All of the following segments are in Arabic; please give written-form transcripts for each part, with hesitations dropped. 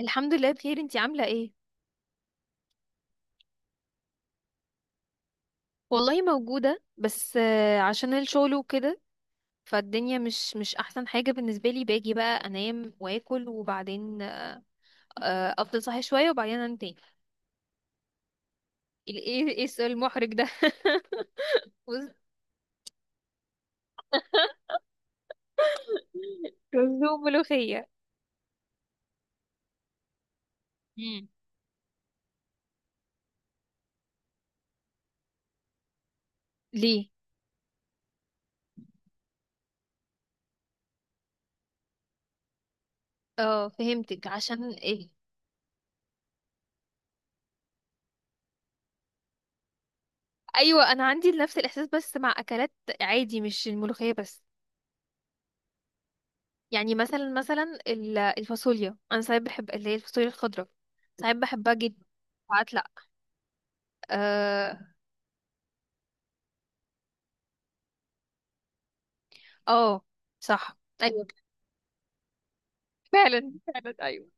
الحمد لله، بخير. انتي عاملة ايه؟ والله موجودة، بس عشان الشغل وكده. فالدنيا مش احسن حاجة بالنسبة لي. باجي بقى انام واكل، وبعدين افضل صاحي شوية وبعدين انام تاني. ايه السؤال المحرج ده رز. رز وملوخية. مم. ليه؟ اه، فهمتك. عشان ايه؟ ايوه، انا عندي نفس الاحساس بس مع اكلات عادي، مش الملوخية بس. يعني مثلا الفاصوليا، انا ساعات بحب اللي هي الفاصوليا الخضراء. ساعات بحبها جدا، ساعات لا. اه. آه، صح. ايوه. فعلا فعلا، ايوه.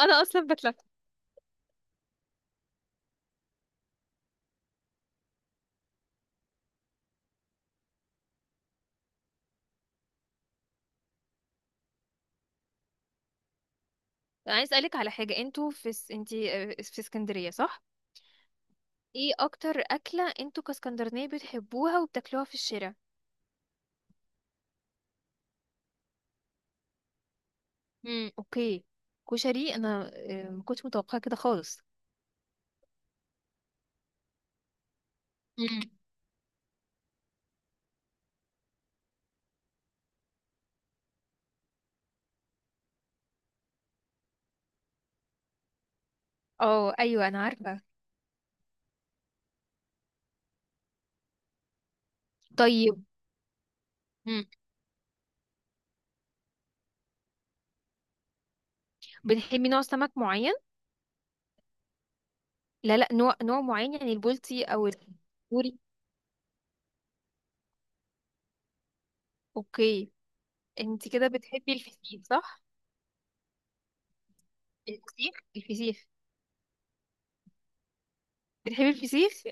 انا اصلا بتلف. عايز اسالك على حاجه. انتوا في انتي، في اسكندريه، صح؟ ايه اكتر اكله انتوا كاسكندرانيه بتحبوها وبتاكلوها في الشارع؟ امم، اوكي. كشري؟ انا ما كنتش متوقعه كده خالص. مم. اه، ايوه، انا عارفه. طيب. مم. بتحبي نوع سمك معين؟ لا، لا، نوع معين، يعني البلطي او البوري. اوكي. انت كده بتحبي الفسيخ، صح؟ الفسيخ، الفسيخ. بتحبي الفسيخ؟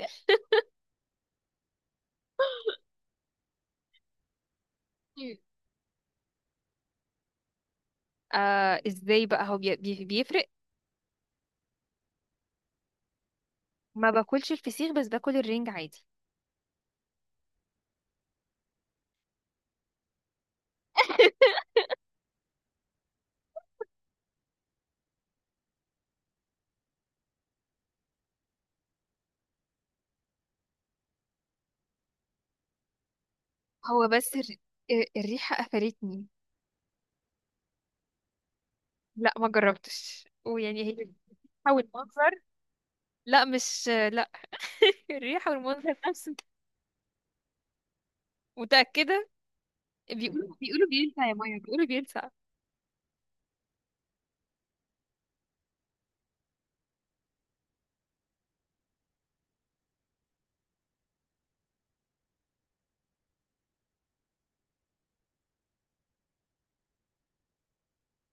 آه، ازاي بقى؟ هو بيفرق؟ ما باكلش الفسيخ، بس باكل الرنج عادي. هو بس الريحة قفلتني. لا، ما جربتش، ويعني هي. او المنظر. لا، مش لا. الريحة والمنظر نفسه. متأكدة؟ بيقولوا بيلسع، يا مايا، بيقولوا بيلسع.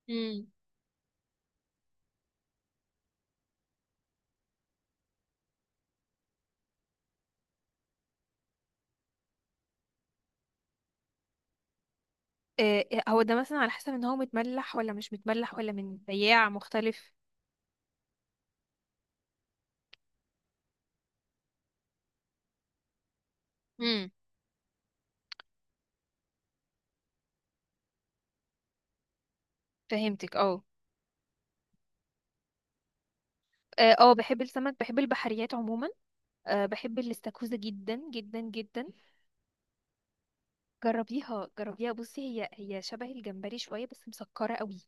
امم. هو ده مثلا على حسب ان هو متملح ولا مش متملح، ولا من بياع مختلف. امم. فهمتك، اه. اه، بحب السمك، بحب البحريات عموما. أه، بحب الاستاكوزا جدا جدا جدا. جربيها، جربيها. بصي، هي شبه الجمبري شوية، بس مسكرة قوي.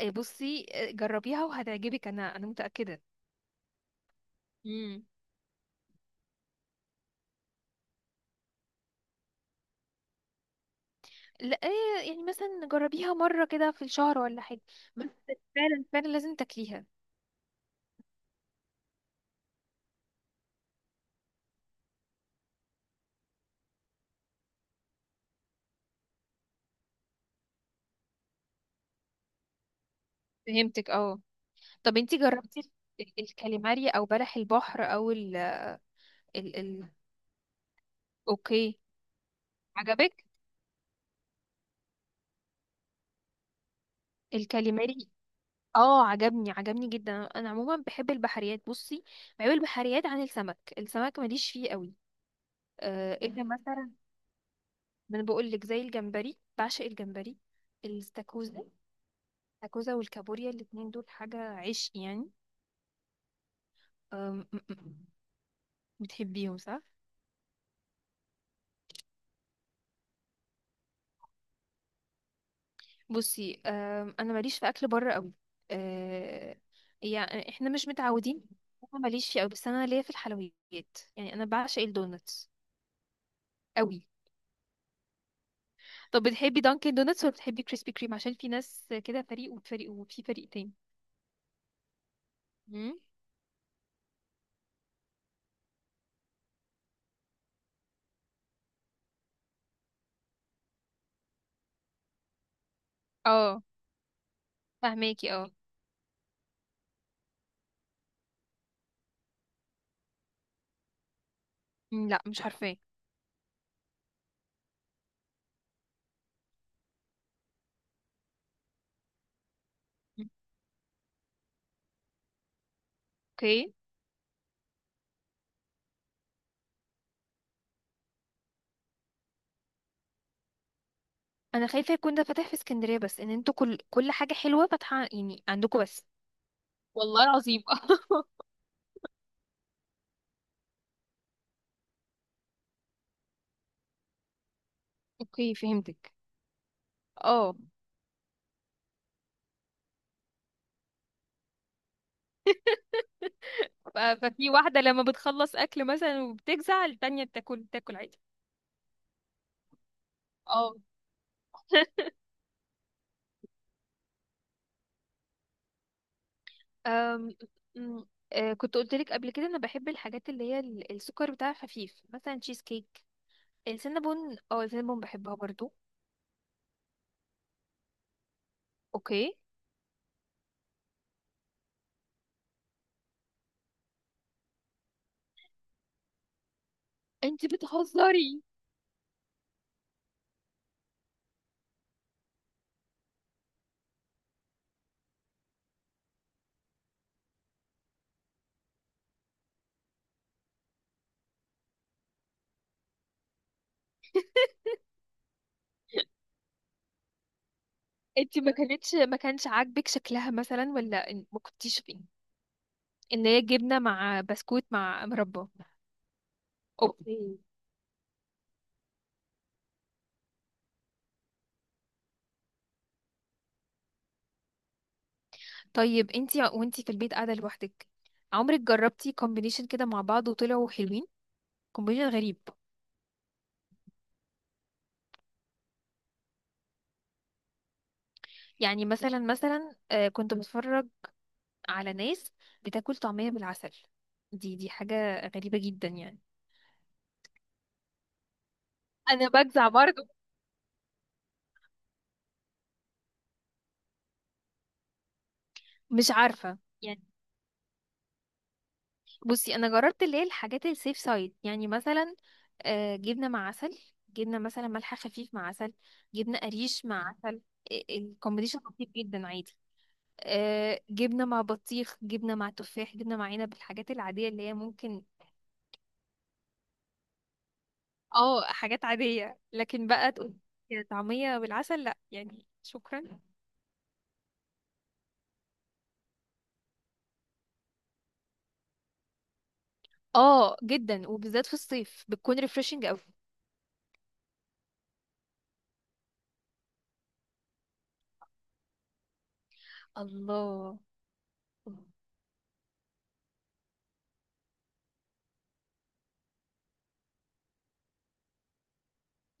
بصي، جربيها وهتعجبك، انا متأكدة. امم. لا، إيه، يعني مثلا جربيها مرة كده في الشهر ولا حاجة. بس. فعلا فعلا، لازم تاكليها. فهمتك، اه. طب انتي جربتي الكاليماري او بلح البحر، او ال. اوكي. عجبك؟ الكاليماري؟ اه، عجبني جدا. انا عموما بحب البحريات، بصي. بحب البحريات عن السمك. السمك ماليش فيه قوي. آه، الا مثلا. ما انا بقول لك زي الجمبري، بعشق الجمبري. الاستاكوزا. الاستاكوزا والكابوريا، الاتنين دول حاجة عشق يعني. آم، م- م- م. بتحبيهم، صح؟ بصي، انا ماليش في اكل بره قوي. آه. يعني احنا مش متعودين. انا ماليش فيه قوي، بس انا ليا في الحلويات. يعني انا بعشق الدونتس قوي. طب بتحبي دانكن دونتس ولا بتحبي كريسبي كريم؟ عشان في ناس كده فريق وفريق، وفي فريق تاني. مم. اه، فهماكي، اه. مم، لا، مش عارفاه. مم. اوكي. انا خايفه يكون ده فاتح في اسكندريه، بس ان انتوا كل حاجه حلوه فاتحه يعني عندكم بس. والله العظيم اوكي، فهمتك، اه. ففي واحده لما بتخلص اكل مثلا، وبتجزع التانية بتاكل عادي. اه. أم... أم، آه، كنت قلت لك قبل كده انا بحب الحاجات اللي هي السكر بتاعها خفيف، مثلا تشيز كيك. السينابون بحبها برضو. اوكي. انتي بتهزري؟ انتي ما كانش عاجبك شكلها مثلا، ولا ما كنتيش فين؟ ان هي جبنه مع بسكوت مع مربى. اوكي. طيب انتي، وانتي في البيت قاعده لوحدك، عمرك جربتي كومبينيشن كده مع بعض وطلعوا حلوين؟ كومبينيشن غريب. يعني مثلا كنت بتفرج على ناس بتاكل طعميه بالعسل. دي حاجه غريبه جدا يعني. انا بجزع برضو. مش عارفه. بصي، انا جربت اللي هي الحاجات السيف سايد، يعني مثلا جبنه مع عسل. جبنه مثلا ملح خفيف مع عسل. جبنه قريش مع عسل. الكومبينيشن لطيف جدا، عادي. جبنه مع بطيخ، جبنه مع تفاح، جبنه مع عنب، الحاجات العاديه اللي هي ممكن. اه، حاجات عاديه. لكن بقى تقول طعميه بالعسل، لا، يعني شكرا. اه، جدا، وبالذات في الصيف بتكون ريفريشنج قوي. الله.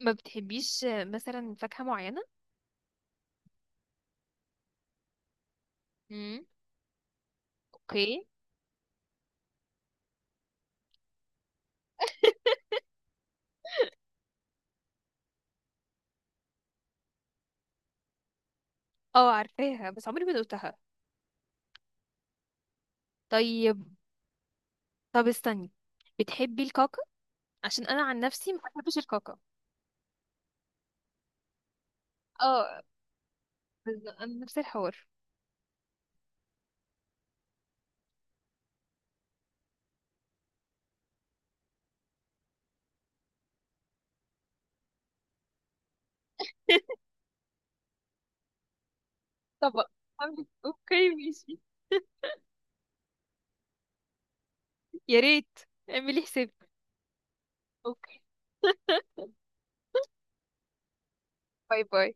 ما بتحبيش مثلا فاكهه معينه؟ امم. اوكي. اه، عارفاها بس عمري ما دقتها. طيب. طب استني. بتحبي الكاكا؟ عشان انا عن نفسي ما بحبش الكاكا. اه. انا نفس الحوار. طبق. اوكي، ماشي. يا ريت. اعملي حساب اوكي. باي باي.